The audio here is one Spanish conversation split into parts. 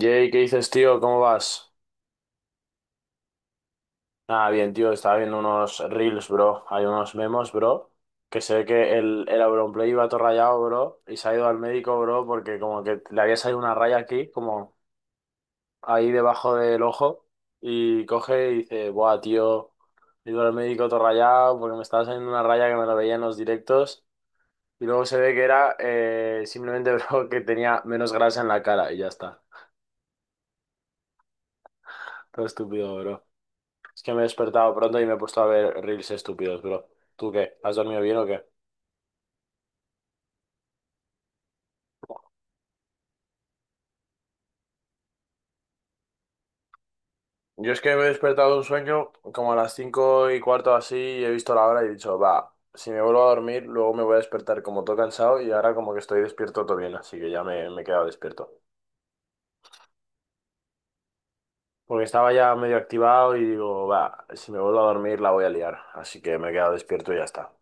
Jay, ¿qué dices, tío? ¿Cómo vas? Ah, bien, tío. Estaba viendo unos reels, bro. Hay unos memos, bro. Que se ve que el Auronplay iba todo rayado, bro. Y se ha ido al médico, bro, porque como que le había salido una raya aquí, como ahí debajo del ojo. Y coge y dice, buah, tío. He ido al médico todo rayado porque me estaba saliendo una raya que me la veía en los directos. Y luego se ve que era simplemente, bro, que tenía menos grasa en la cara y ya está. Todo estúpido, bro. Es que me he despertado pronto y me he puesto a ver reels estúpidos, bro. ¿Tú qué? ¿Has dormido bien o qué? Yo es que me he despertado de un sueño como a las cinco y cuarto así y he visto la hora y he dicho, va, si me vuelvo a dormir, luego me voy a despertar como todo cansado y ahora como que estoy despierto todo bien, así que ya me he quedado despierto. Porque estaba ya medio activado y digo, va, si me vuelvo a dormir la voy a liar, así que me he quedado despierto y ya está.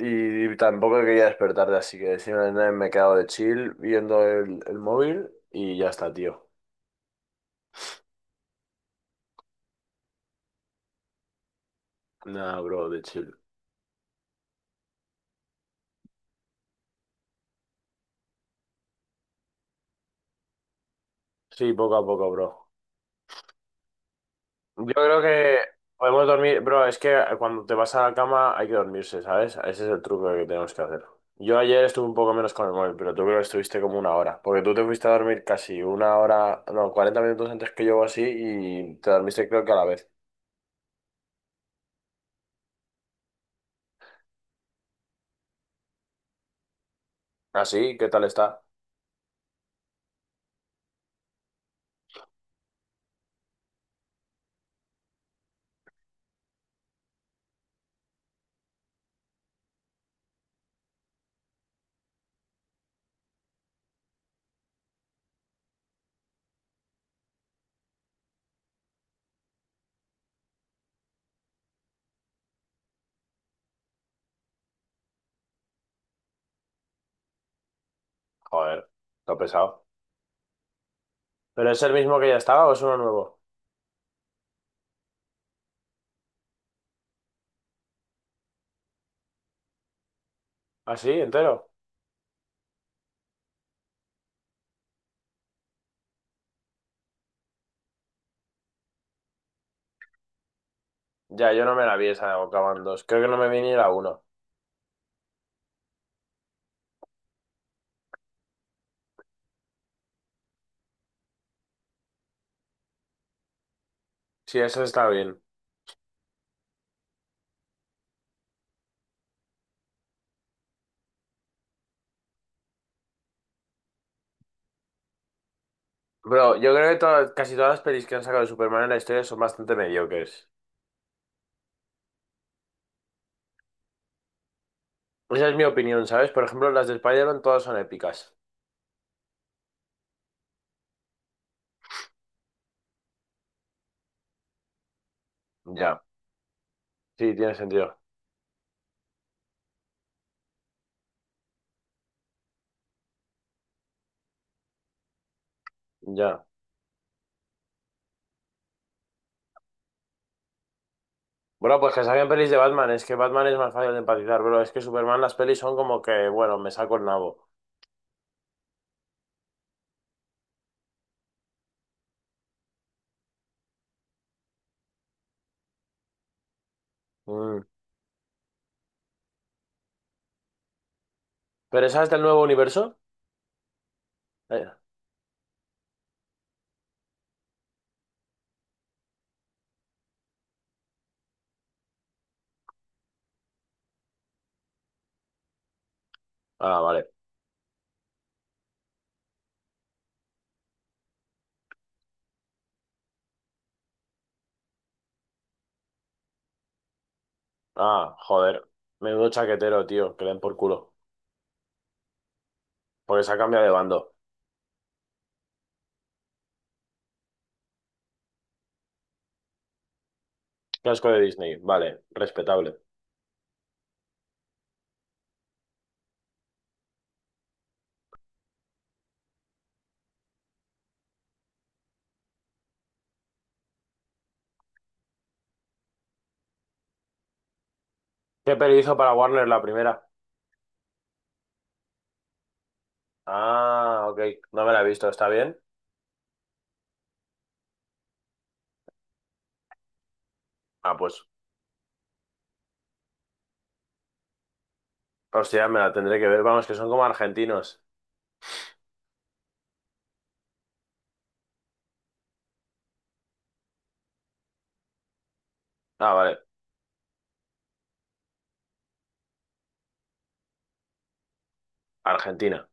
Y tampoco quería despertarte, así que simplemente me he quedado de chill viendo el móvil y ya está, tío. Nada, bro, de chill. Sí, poco a poco, bro. Yo creo que podemos dormir, bro, es que cuando te vas a la cama hay que dormirse, ¿sabes? Ese es el truco que tenemos que hacer. Yo ayer estuve un poco menos con el móvil, pero tú creo que estuviste como una hora, porque tú te fuiste a dormir casi una hora, no, 40 minutos antes que yo o así y te dormiste creo que a la vez. ¿Así? ¿Qué tal está? Joder, está pesado. ¿Pero es el mismo que ya estaba o es uno nuevo? ¿Así? ¿Entero? Ya, yo no me la vi esa de Bocaban 2, creo que no me vi ni la uno. Sí, eso está bien. Bro, yo creo que casi todas las pelis que han sacado de Superman en la historia son bastante mediocres. Esa es mi opinión, ¿sabes? Por ejemplo, las de Spider-Man todas son épicas. Ya. Sí, tiene sentido. Ya. Bueno, pues que saquen pelis de Batman. Es que Batman es más fácil de empatizar, bro. Es que Superman las pelis son como que, bueno, me saco el nabo. Mm. ¿Pero esa es del nuevo universo? Eh, Ah, vale. Ah, joder. Menudo chaquetero, tío. Que le den por culo. Porque se ha cambiado de bando. Casco de Disney. Vale, respetable. ¿Qué peli hizo para Warner la primera? Ah, ok. No me la he visto. ¿Está bien? Ah, pues, hostia, me la tendré que ver. Vamos, que son como argentinos. Ah, vale. Argentina.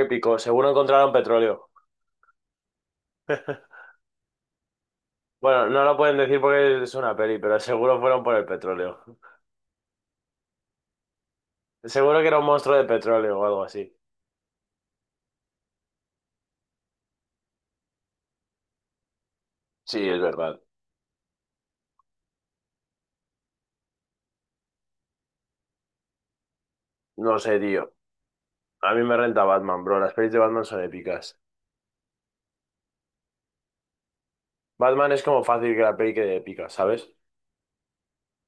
Épico. Seguro encontraron petróleo. Bueno, no lo pueden decir porque es una peli, pero seguro fueron por el petróleo. Seguro que era un monstruo de petróleo o algo así. Sí, es verdad. No sé, tío. A mí me renta Batman, bro. Las pelis de Batman son épicas. Batman es como fácil que la peli quede épica, ¿sabes?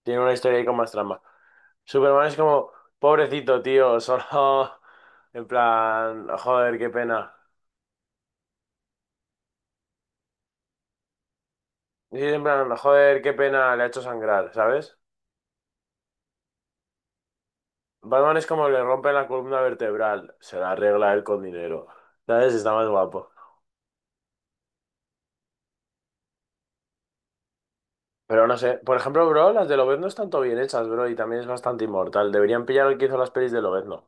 Tiene una historia ahí con más trama. Superman es como, pobrecito, tío, solo. En plan, joder, qué pena. Sí, en plan, joder, qué pena, le ha hecho sangrar, ¿sabes? Batman es como le rompe la columna vertebral, se la arregla él con dinero, ¿sabes? Está más guapo. Pero no sé, por ejemplo, bro, las de Lobezno están todo bien hechas, bro, y también es bastante inmortal. Deberían pillar al que hizo las pelis de Lobezno.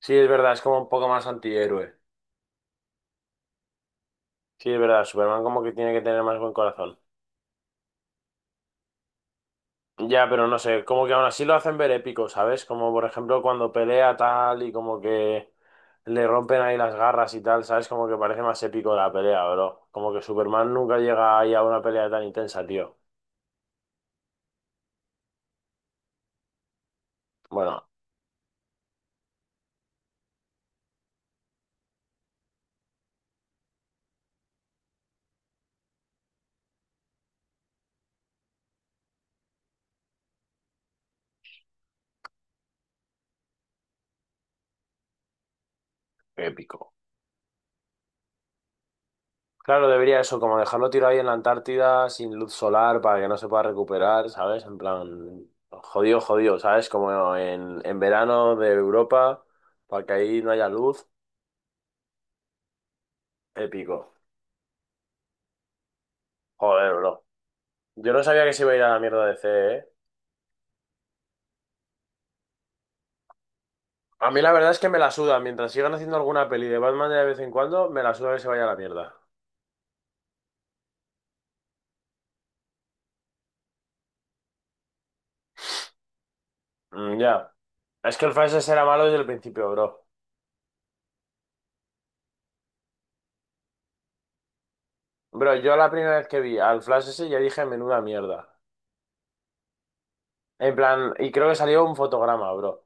Sí, es verdad, es como un poco más antihéroe. Sí, es verdad, Superman como que tiene que tener más buen corazón. Ya, pero no sé, como que aún así lo hacen ver épico, ¿sabes? Como por ejemplo cuando pelea tal y como que le rompen ahí las garras y tal, ¿sabes? Como que parece más épico la pelea, bro. Como que Superman nunca llega ahí a una pelea tan intensa, tío. Bueno, épico. Claro, debería eso, como dejarlo tirado ahí en la Antártida sin luz solar para que no se pueda recuperar, ¿sabes? En plan, jodido, jodido, ¿sabes? Como en verano de Europa, para que ahí no haya luz, épico. Joder, bro. Yo no sabía que se iba a ir a la mierda de C, ¿eh? A mí la verdad es que me la suda. Mientras sigan haciendo alguna peli de Batman de vez en cuando, me la suda que se vaya a la mierda. Mm, ya. Es que el Flash ese era malo desde el principio, bro. Bro, yo la primera vez que vi al Flash ese ya dije, menuda mierda. En plan, y creo que salió un fotograma, bro.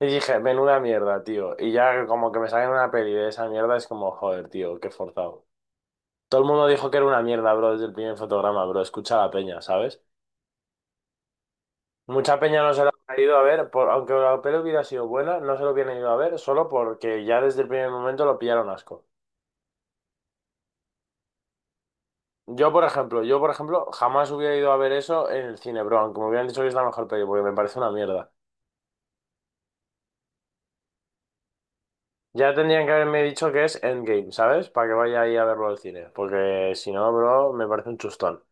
Y dije, menuda mierda, tío. Y ya como que me salen una peli de esa mierda, es como, joder, tío, qué forzado. Todo el mundo dijo que era una mierda, bro, desde el primer fotograma, bro. Escucha a la peña, ¿sabes? Mucha peña no se lo ha ido a ver, aunque la peli hubiera sido buena, no se lo hubieran ido a ver solo porque ya desde el primer momento lo pillaron asco. Yo, por ejemplo, jamás hubiera ido a ver eso en el cine, bro, aunque me hubieran dicho que es la mejor peli, porque me parece una mierda. Ya tendrían que haberme dicho que es Endgame, ¿sabes? Para que vaya ahí a verlo al cine, porque si no, bro, me parece un chustón.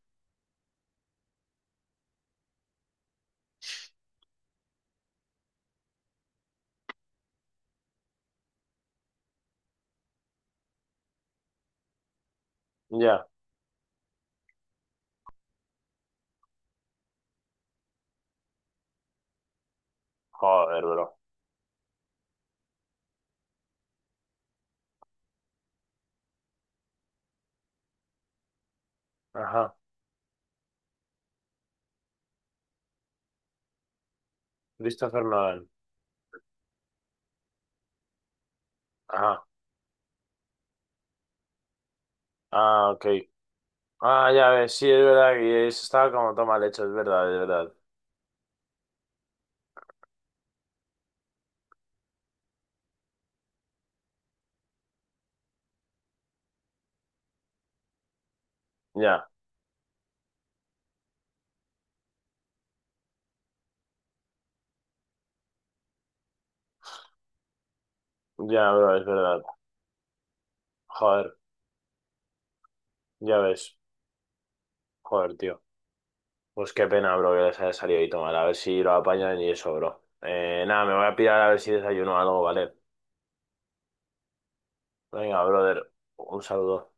Ya, joder, bro. Ajá, Christopher Nolan. Ajá, ah, ok. Ah, ya ves, sí, es verdad que estaba como toma leche, es verdad, es verdad. Ya. Ya, bro, es verdad. Joder, ya ves. Joder, tío. Pues qué pena, bro, que les haya salido y tomar. A ver si lo apañan y eso, bro. Nada, me voy a pirar a ver si desayuno algo, ¿vale? Venga, brother. Un saludo.